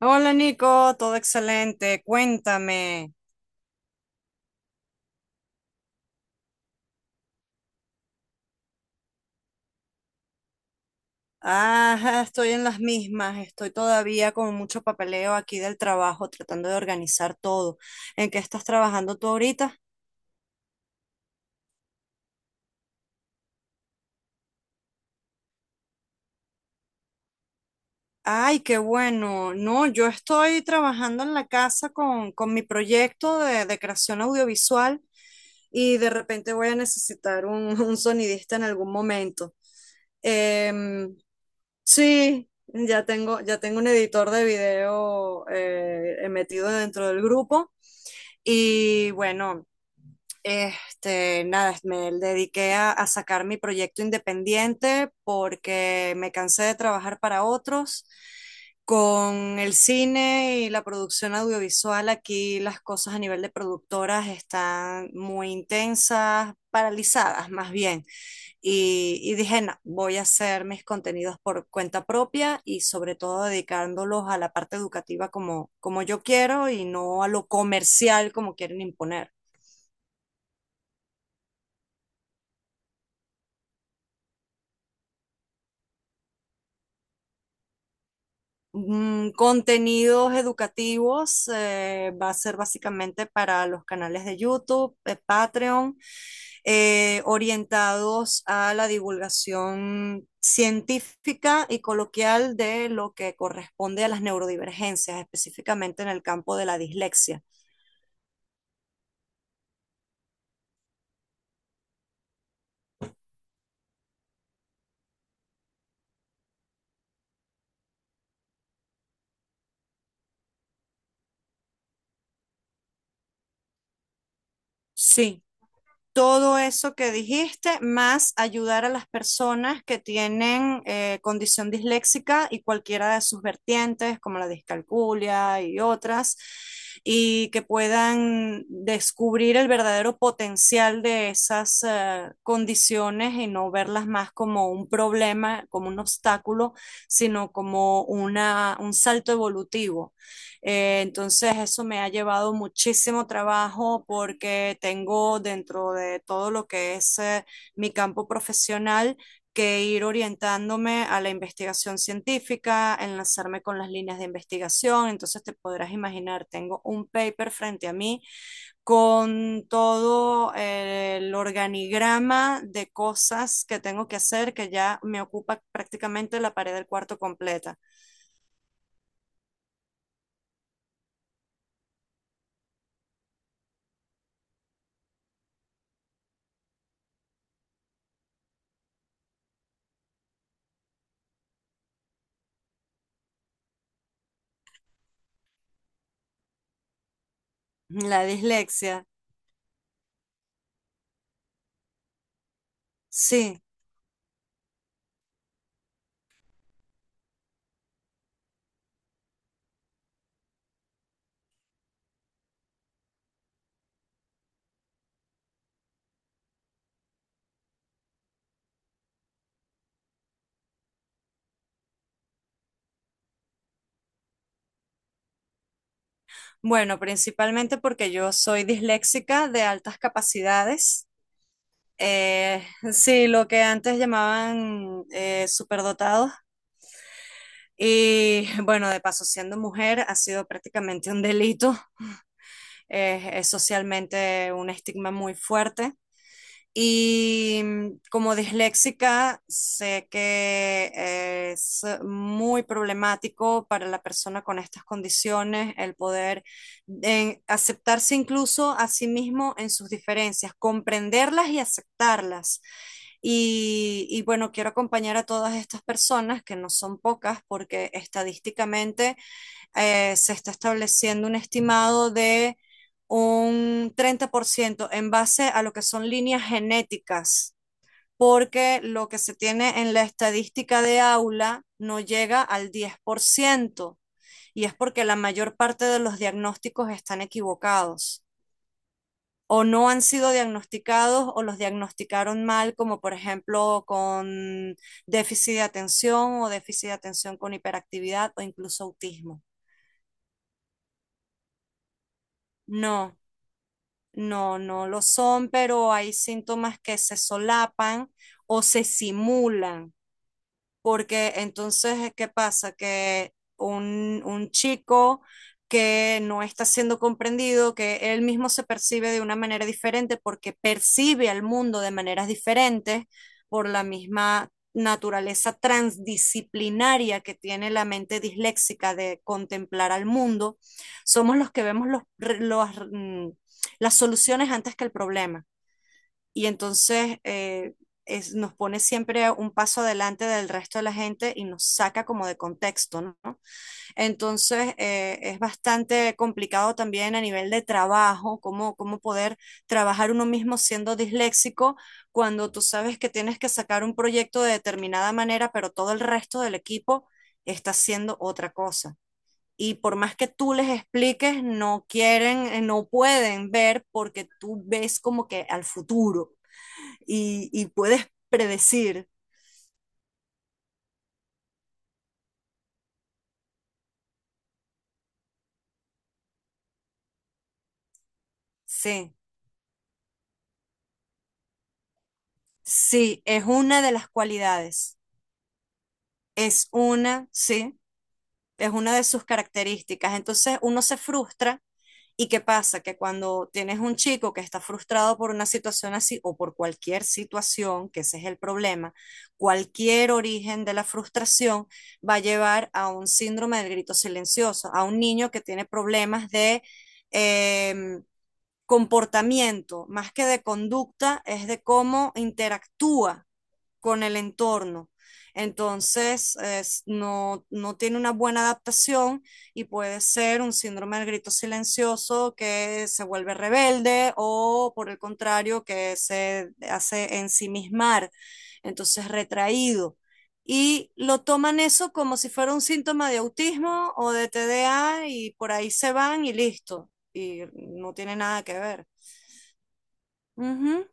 Hola Nico, todo excelente. Cuéntame. Ajá, estoy en las mismas. Estoy todavía con mucho papeleo aquí del trabajo, tratando de organizar todo. ¿En qué estás trabajando tú ahorita? Ay, qué bueno. No, yo estoy trabajando en la casa con mi proyecto de creación audiovisual y de repente voy a necesitar un, un sonidista en algún momento. Em, Sí, ya tengo un editor de video metido dentro del grupo. Y bueno, nada, me dediqué a sacar mi proyecto independiente porque me cansé de trabajar para otros. Con el cine y la producción audiovisual, aquí las cosas a nivel de productoras están muy intensas, paralizadas más bien. Y dije, no, voy a hacer mis contenidos por cuenta propia y sobre todo dedicándolos a la parte educativa como yo quiero y no a lo comercial como quieren imponer. Contenidos educativos va a ser básicamente para los canales de YouTube, Patreon, orientados a la divulgación científica y coloquial de lo que corresponde a las neurodivergencias, específicamente en el campo de la dislexia. Sí, todo eso que dijiste, más ayudar a las personas que tienen condición disléxica y cualquiera de sus vertientes, como la discalculia y otras, y que puedan descubrir el verdadero potencial de esas condiciones y no verlas más como un problema, como un obstáculo, sino como un salto evolutivo entonces eso me ha llevado muchísimo trabajo porque tengo dentro de todo lo que es mi campo profesional que ir orientándome a la investigación científica, enlazarme con las líneas de investigación. Entonces te podrás imaginar, tengo un paper frente a mí con todo el organigrama de cosas que tengo que hacer que ya me ocupa prácticamente la pared del cuarto completa. La dislexia, sí. Bueno, principalmente porque yo soy disléxica de altas capacidades. Eh, sí, lo que antes llamaban superdotados. Y bueno, de paso, siendo mujer ha sido prácticamente un delito. Es socialmente un estigma muy fuerte. Y como disléxica, sé que es muy problemático para la persona con estas condiciones el poder aceptarse incluso a sí mismo en sus diferencias, comprenderlas y aceptarlas. Y bueno, quiero acompañar a todas estas personas, que no son pocas, porque estadísticamente se está estableciendo un estimado de un 30% en base a lo que son líneas genéticas, porque lo que se tiene en la estadística de aula no llega al 10% y es porque la mayor parte de los diagnósticos están equivocados o no han sido diagnosticados o los diagnosticaron mal, como por ejemplo con déficit de atención o déficit de atención con hiperactividad o incluso autismo. No, no, no lo son, pero hay síntomas que se solapan o se simulan porque entonces, ¿qué pasa? Que un chico que no está siendo comprendido, que él mismo se percibe de una manera diferente porque percibe al mundo de maneras diferentes por la misma naturaleza transdisciplinaria que tiene la mente disléxica de contemplar al mundo, somos los que los, mm, las soluciones antes que el problema y entonces nos pone siempre un paso adelante del resto de la gente y nos saca como de contexto, ¿no? Entonces es bastante complicado también a nivel de trabajo, cómo poder trabajar uno mismo siendo disléxico cuando tú sabes que tienes que sacar un proyecto de determinada manera, pero todo el resto del equipo está haciendo otra cosa. Y por más que tú les expliques, no quieren, no pueden ver porque tú ves como que al futuro y puedes predecir, sí, sí, es una de las cualidades, es una, sí, es una de sus características. Entonces uno se frustra. ¿Y qué pasa? Que cuando tienes un chico que está frustrado por una situación así o por cualquier situación, que ese es el problema, cualquier origen de la frustración va a llevar a un síndrome del grito silencioso, a un niño que tiene problemas de eh, comportamiento, más que de conducta, es de cómo interactúa con el entorno. Entonces, no, no tiene una buena adaptación y puede ser un síndrome del grito silencioso que se vuelve rebelde o, por el contrario, que se hace ensimismar, entonces retraído. Y lo toman eso como si fuera un síntoma de autismo o de TDA y por ahí se van y listo. Y no tiene nada que ver. Ujú,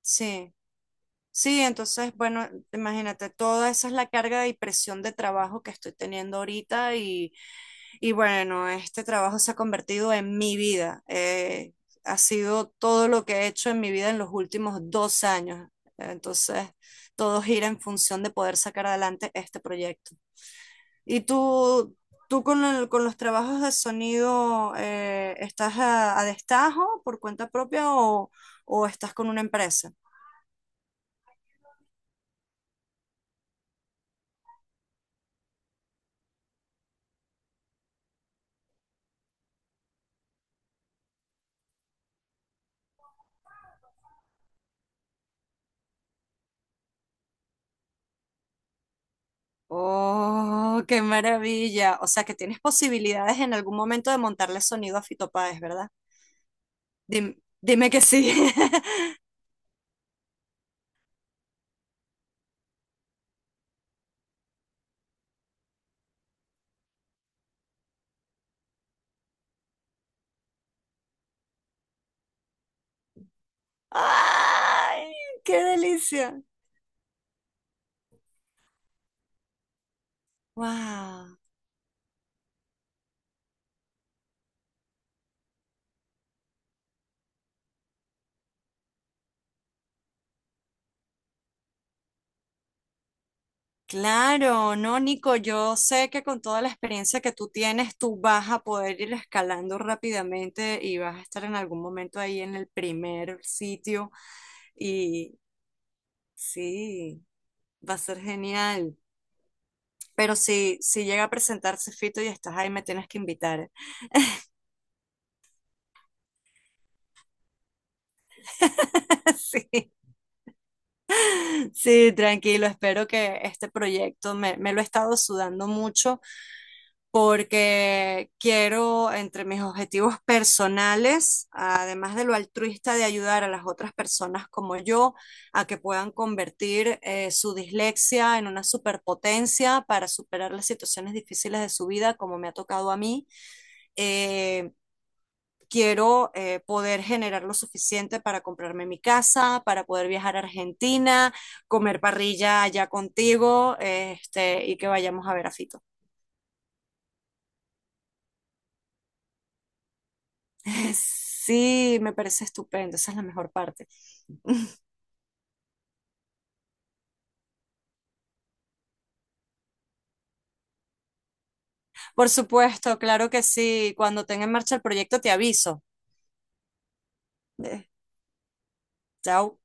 sí. Sí, entonces, bueno, imagínate, toda esa es la carga y presión de trabajo que estoy teniendo ahorita y bueno, este trabajo se ha convertido en mi vida. Ha sido todo lo que he hecho en mi vida en los últimos 2 años. Entonces, todo gira en función de poder sacar adelante este proyecto. ¿Y tú con los trabajos de sonido, estás a destajo por cuenta propia o estás con una empresa? Oh, qué maravilla. O sea que tienes posibilidades en algún momento de montarle sonido a Fito Páez, ¿verdad? Dime que sí. ¡Ay, qué delicia! ¡Wow! Claro, no, Nico, yo sé que con toda la experiencia que tú tienes, tú vas a poder ir escalando rápidamente y vas a estar en algún momento ahí en el primer sitio y sí, va a ser genial. Pero si llega a presentarse Fito y estás ahí, me tienes que invitar. Sí, sí, tranquilo. Espero que este proyecto me lo he estado sudando mucho porque quiero, entre mis objetivos personales, además de lo altruista de ayudar a las otras personas como yo, a que puedan convertir su dislexia en una superpotencia para superar las situaciones difíciles de su vida, como me ha tocado a mí. eh, quiero poder generar lo suficiente para comprarme mi casa, para poder viajar a Argentina, comer parrilla allá contigo, este, y que vayamos a ver a Fito. Sí, me parece estupendo, esa es la mejor parte. Por supuesto, claro que sí, cuando tenga en marcha el proyecto te aviso. Eh, chao.